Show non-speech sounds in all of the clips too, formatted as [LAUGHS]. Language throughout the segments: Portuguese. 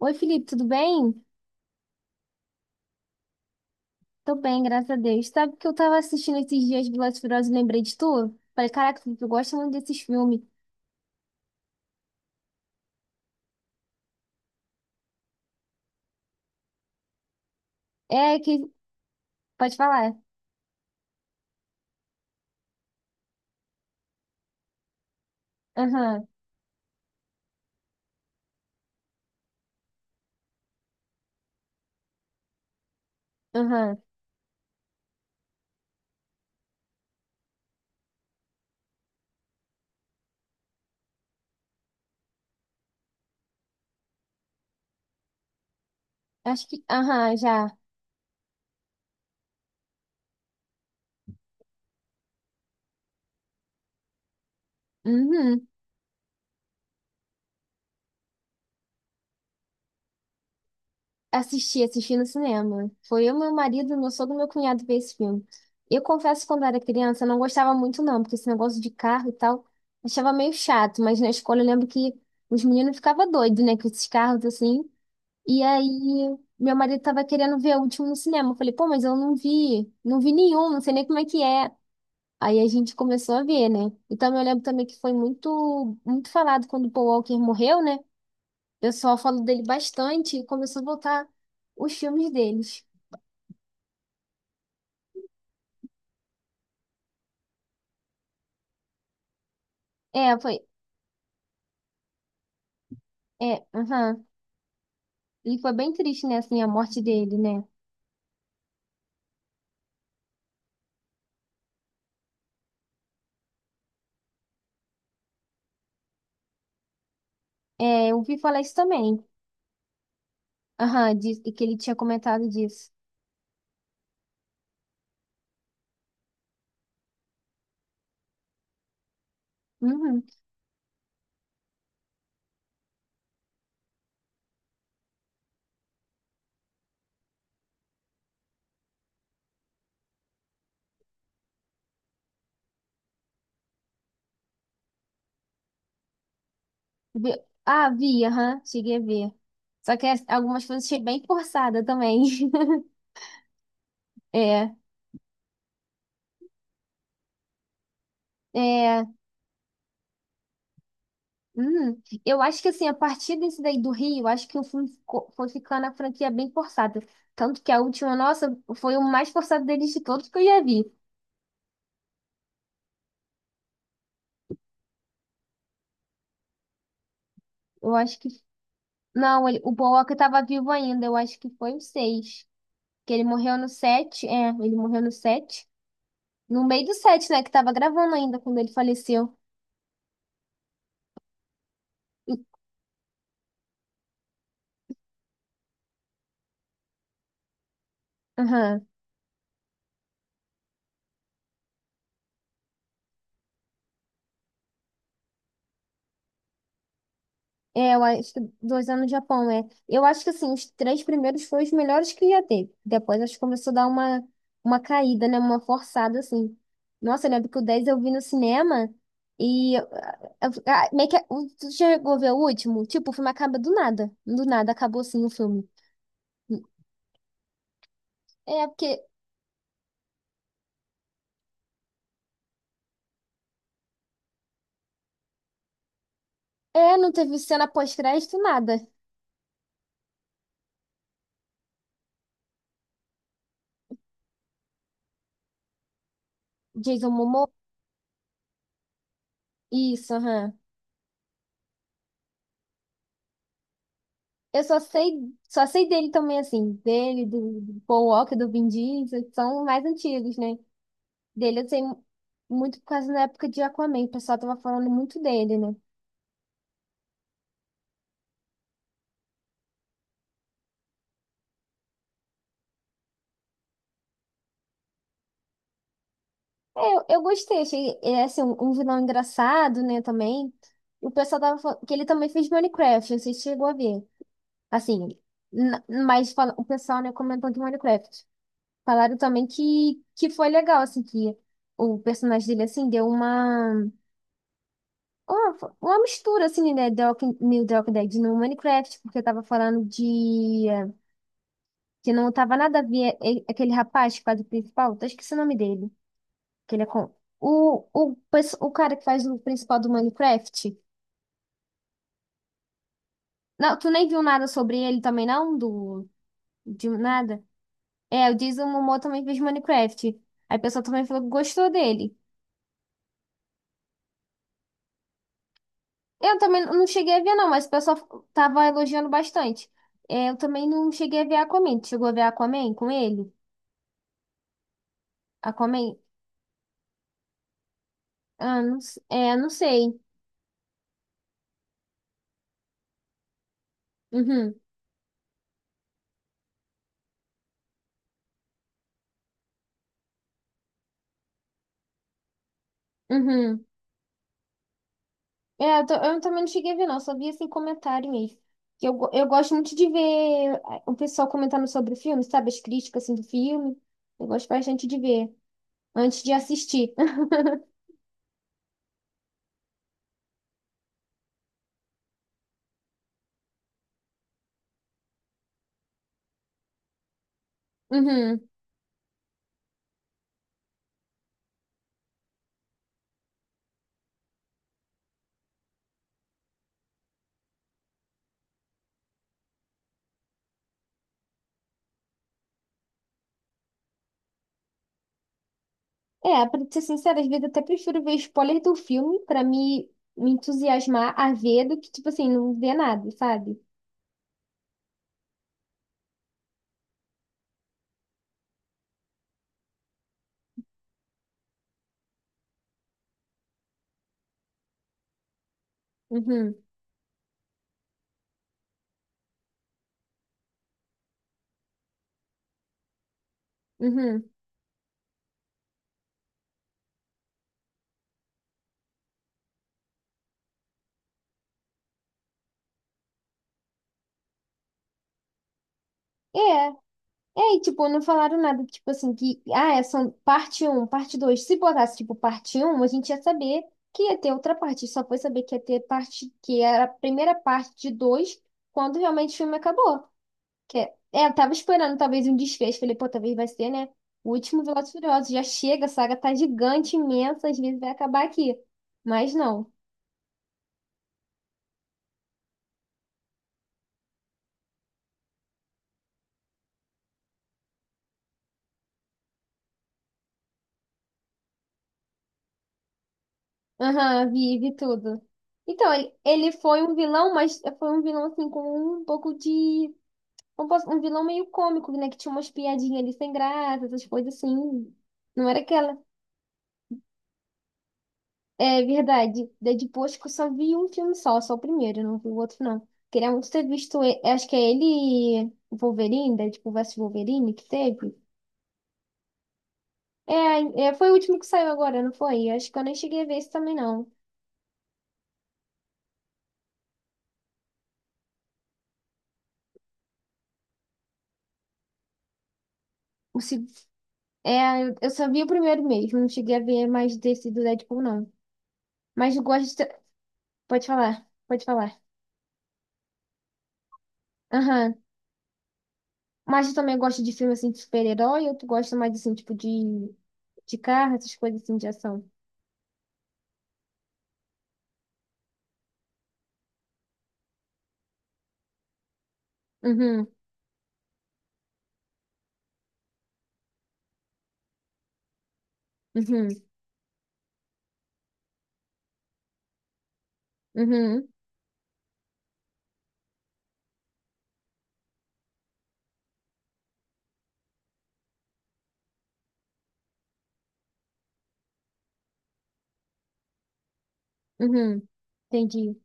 Oi, Felipe, tudo bem? Tô bem, graças a Deus. Sabe que eu tava assistindo esses dias Velozes e Furiosos e lembrei de tu? Falei, caraca, Felipe, eu gosto muito desses filmes. É que. Pode falar. Aham, aham. Acho que. Aham, já. Uhum. Assisti, assisti no cinema. Foi eu, meu marido, meu sogro e meu cunhado ver esse filme. Eu confesso que quando era criança eu não gostava muito não, porque esse negócio de carro e tal, achava meio chato, mas na escola eu lembro que os meninos ficavam doidos, né, com esses carros assim. E aí, meu marido tava querendo ver o último no cinema. Eu falei, pô, mas eu não vi nenhum, não sei nem como é que é. Aí a gente começou a ver, né? Então eu lembro também que foi muito, muito falado quando o Paul Walker morreu, né? O pessoal falou dele bastante e começou a voltar os filmes deles. É, foi, é, aham. E foi bem triste, né, assim, a morte dele, né? É, eu vi falar isso também. Aham, diz que ele tinha comentado disso. Uhum. Vi- Ah, vi, aham, cheguei a ver. Só que algumas coisas achei bem forçada também. [LAUGHS] É, é. Eu acho que assim, a partir desse daí do Rio, eu acho que o filme foi ficando a franquia bem forçada. Tanto que a última, nossa, foi o mais forçado deles de todos que eu já vi. Eu acho que. Não, ele, o Paul Walker tava vivo ainda, eu acho que foi o 6. Que ele morreu no 7. É, ele morreu no 7. No meio do 7, né? Que tava gravando ainda quando ele faleceu. E- Aham. É, eu acho que 2 anos no Japão, é. Eu acho que, assim, os três primeiros foram os melhores que ia ter. Depois, acho que começou a dar uma, caída, né? Uma forçada, assim. Nossa, eu lembro que o 10 eu vi no cinema e meio que. Tu chegou a ver o último? Tipo, o filme acaba do nada. Do nada, acabou, assim, o filme. É, porque. É, não teve cena pós-crédito, nada. Jason Momoa. Isso, aham. Eu só sei dele também, assim. Dele, do Paul Walker, do Vin Diesel, que são mais antigos, né? Dele eu tenho muito por causa da época de Aquaman. O pessoal tava falando muito dele, né? É, eu gostei, achei é, assim, um vilão engraçado, né, também. O pessoal tava falando que ele também fez Minecraft, você chegou a ver. Assim, mas o pessoal, né, comentou de Minecraft. Falaram também que foi legal, assim, que o personagem dele, assim, deu uma mistura, assim, né, The Walking, New The Walking Dead no Minecraft, porque tava falando de que não tava nada a ver, aquele rapaz que faz o principal. Tô esquecendo o nome dele. Que ele é com o cara que faz o principal do Minecraft. Não, tu nem viu nada sobre ele também, não? De nada? É, o Jason Momoa também fez Minecraft. Aí o pessoal também falou que gostou dele. Eu também não cheguei a ver, não, mas o pessoal tava elogiando bastante. É, eu também não cheguei a ver Aquaman. Tu chegou a ver Aquaman com ele? Aquaman? Ah, não, é, não sei. Uhum, uhum. É, eu também não cheguei a ver, não, só vi assim comentário mesmo. Que eu gosto muito de ver o pessoal comentando sobre o filme, sabe? As críticas assim, do filme. Eu gosto bastante de ver antes de assistir. [LAUGHS] Uhum. É, pra ser sincera, às vezes eu até prefiro ver spoiler do filme pra me entusiasmar a ver do que, tipo assim, não ver nada, sabe? Uhum, uhum. É, é, e, tipo, não falaram nada, tipo assim, que, é só parte um, parte 2. Se botasse, tipo, parte um, a gente ia saber que ia ter outra parte. Só foi saber que ia ter parte, que era a primeira parte de 2 quando realmente o filme acabou. Que eu tava esperando talvez um desfecho. Falei, pô, talvez vai ser, né? O último Velozes e Furiosos já chega, a saga tá gigante, imensa, às vezes vai acabar aqui. Mas não. Aham, vive tudo. Então, ele foi um vilão, mas foi um vilão, assim, com um pouco de um vilão meio cômico, né? Que tinha umas piadinhas ali sem graça, essas coisas assim. Não era aquela. É verdade. Deadpool, acho que eu só vi um filme só, só o primeiro, não vi o outro, não. Queria muito ter visto. Acho que é ele e o Wolverine, Deadpool vs Wolverine, que teve. É, é, foi o último que saiu agora, não foi? Acho que eu nem cheguei a ver esse também, não. O, se- É, eu só vi o primeiro mesmo, não cheguei a ver mais desse do Deadpool, não. Mas eu gosto. Pode falar, pode falar. Aham. Mas tu também gosta de filme assim de super-herói ou tu gosta mais assim, tipo, de carro, essas coisas assim de ação? Uhum, uhum, uhum, uhum, entendi.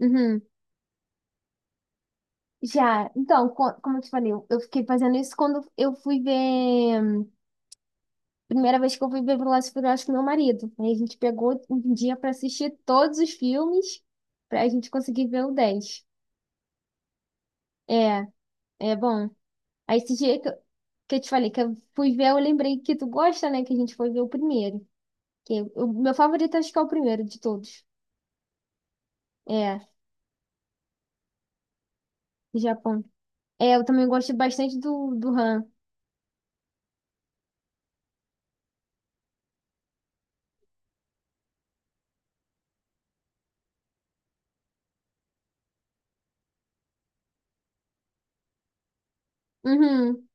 Uhum. Já, então, como eu te falei, eu fiquei fazendo isso quando eu fui ver. Primeira vez que eu fui ver Velozes e Furiosos com meu marido. Aí a gente pegou um dia pra assistir todos os filmes pra gente conseguir ver o 10. É, é bom. Aí esse dia que eu, te falei que eu fui ver, eu lembrei que tu gosta, né? Que a gente foi ver o primeiro. Que o meu favorito acho que é o primeiro de todos. É, Japão. É, eu também gosto bastante do Han. Uhum.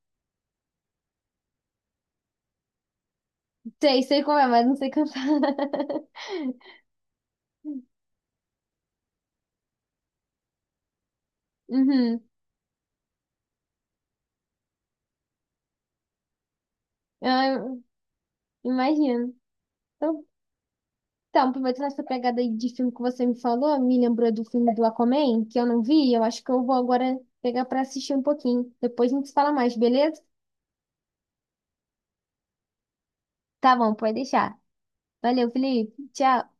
Sei, sei como é, mas não sei cantar. [LAUGHS] Uhum. Ah, imagino. Então, então, aproveitando essa pegada aí de filme que você me falou, me lembrou do filme do Aquaman, que eu não vi. Eu acho que eu vou agora pegar pra assistir um pouquinho. Depois a gente se fala mais, beleza? Tá bom, pode deixar. Valeu, Felipe. Tchau.